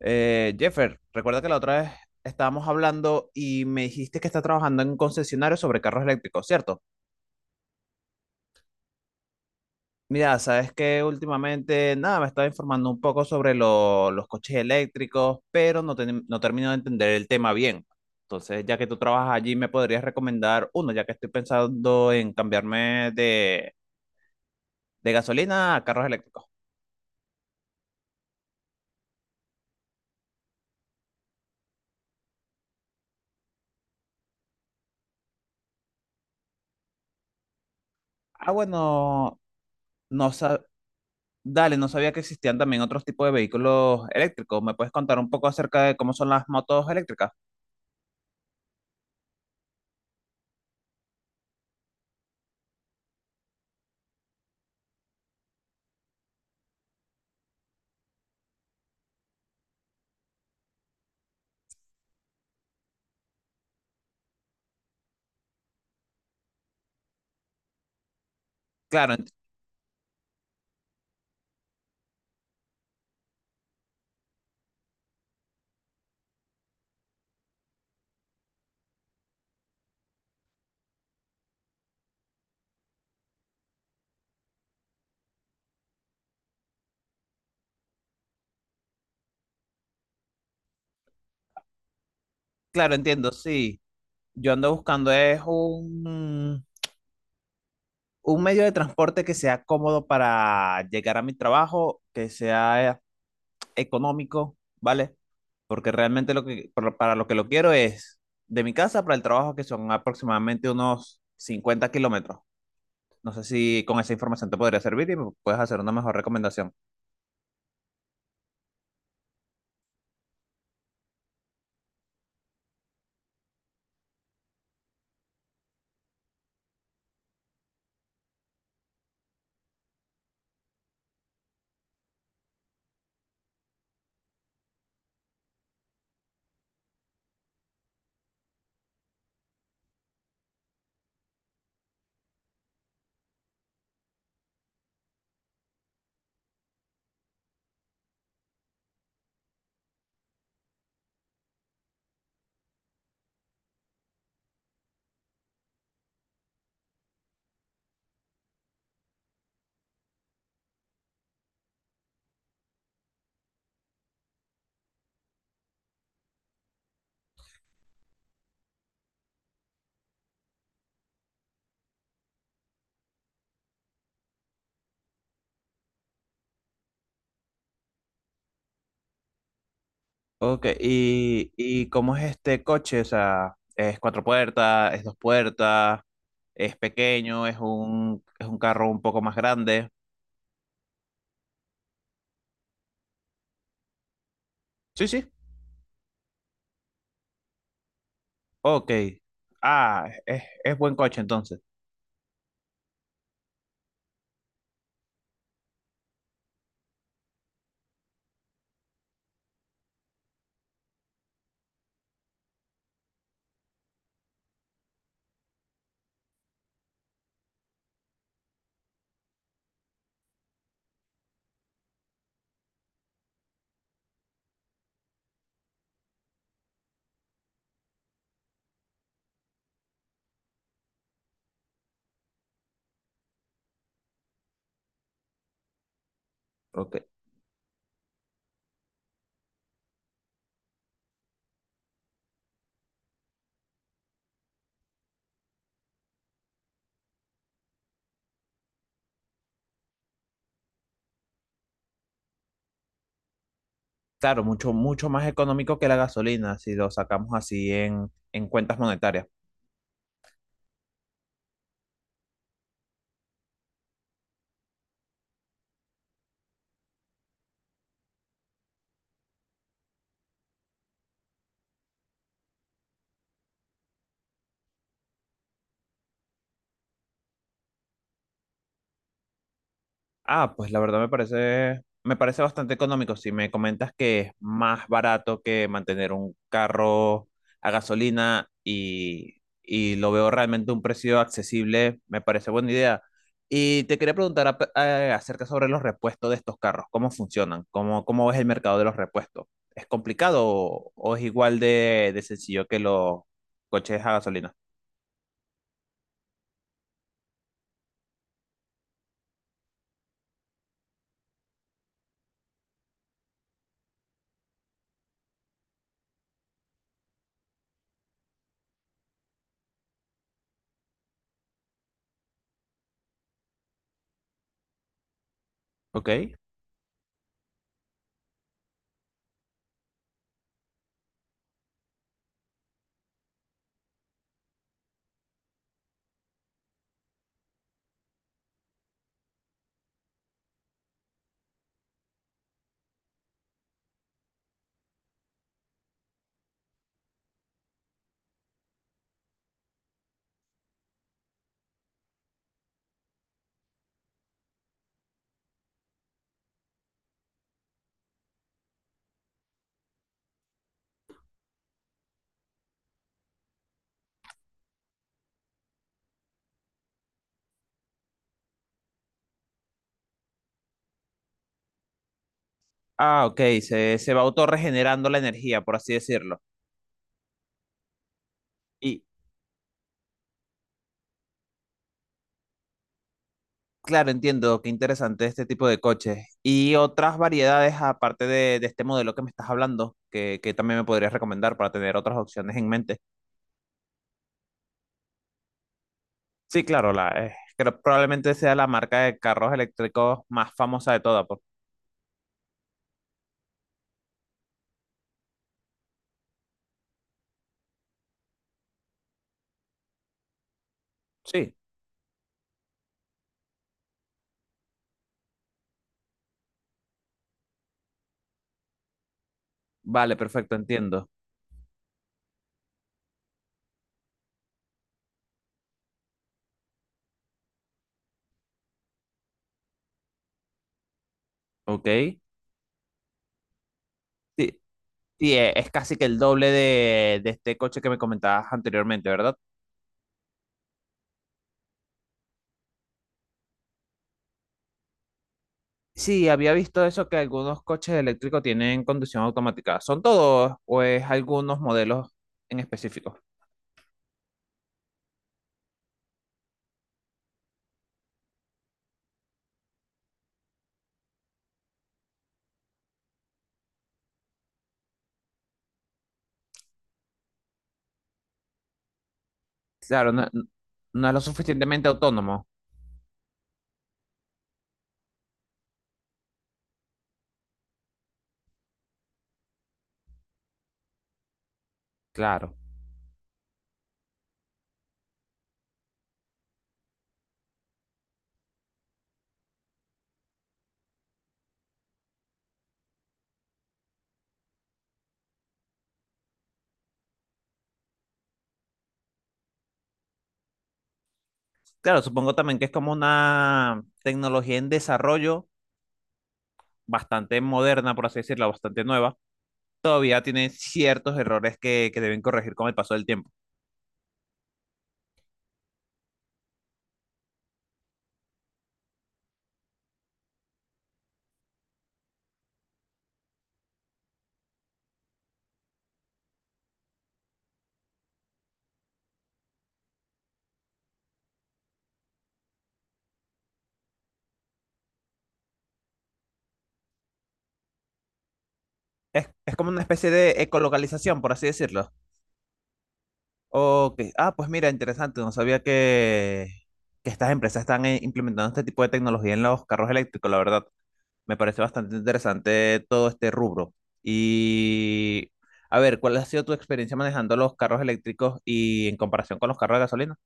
Jeffer, recuerda que la otra vez estábamos hablando y me dijiste que está trabajando en un concesionario sobre carros eléctricos, ¿cierto? Mira, sabes que últimamente, nada, me estaba informando un poco sobre los coches eléctricos, pero no, no termino de entender el tema bien. Entonces, ya que tú trabajas allí, ¿me podrías recomendar uno, ya que estoy pensando en cambiarme de gasolina a carros eléctricos? Ah, bueno, no, dale, no sabía que existían también otros tipos de vehículos eléctricos. ¿Me puedes contar un poco acerca de cómo son las motos eléctricas? Claro, ent- claro, entiendo, sí. Yo ando buscando un medio de transporte que sea cómodo para llegar a mi trabajo, que sea económico, ¿vale? Porque realmente lo que, para lo que lo quiero es de mi casa para el trabajo, que son aproximadamente unos 50 km. No sé si con esa información te podría servir y me puedes hacer una mejor recomendación. Ok, y cómo es este coche? O sea, ¿es cuatro puertas, es dos puertas, es pequeño, es un carro un poco más grande? Sí, sí. Ok. Ah, es buen coche entonces. Ok. Claro, mucho, mucho más económico que la gasolina si lo sacamos así en cuentas monetarias. Ah, pues la verdad me parece bastante económico. Si me comentas que es más barato que mantener un carro a gasolina y lo veo realmente un precio accesible, me parece buena idea. Y te quería preguntar acerca sobre los repuestos de estos carros, cómo funcionan, cómo, cómo es el mercado de los repuestos. ¿Es complicado o es igual de sencillo que los coches a gasolina? ¿Ok? Ah, ok, se va autorregenerando la energía, por así decirlo. Y, Claro, entiendo, qué interesante este tipo de coches. Y otras variedades, aparte de este modelo que me estás hablando, que también me podrías recomendar para tener otras opciones en mente. Sí, claro, creo probablemente sea la marca de carros eléctricos más famosa de todas. Sí, vale, perfecto, entiendo. Ok. Sí, sí, es casi que el doble de este coche que me comentabas anteriormente, ¿verdad? Sí, había visto eso que algunos coches eléctricos tienen conducción automática. ¿Son todos o es algunos modelos en específico? Claro, no, no es lo suficientemente autónomo. Claro. Claro, supongo también que es como una tecnología en desarrollo bastante moderna, por así decirlo, bastante nueva. Todavía tiene ciertos errores que deben corregir con el paso del tiempo. Es como una especie de ecolocalización, por así decirlo. Ok. Ah, pues mira, interesante. No sabía que estas empresas están implementando este tipo de tecnología en los carros eléctricos, la verdad. Me parece bastante interesante todo este rubro. Y a ver, ¿cuál ha sido tu experiencia manejando los carros eléctricos y en comparación con los carros de gasolina?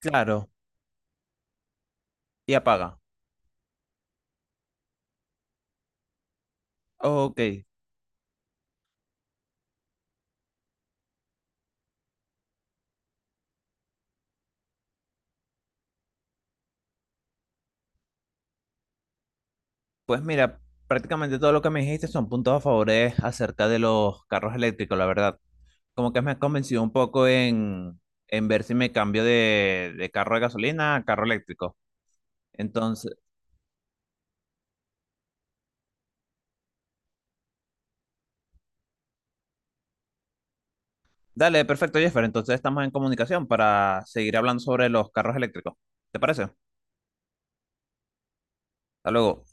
Claro, y apaga. Ok, pues mira, prácticamente todo lo que me dijiste son puntos a favores acerca de los carros eléctricos, la verdad. Como que me has convencido un poco en ver si me cambio de carro de gasolina a carro eléctrico. Entonces, dale, perfecto, Jeffer. Entonces estamos en comunicación para seguir hablando sobre los carros eléctricos. ¿Te parece? Hasta luego.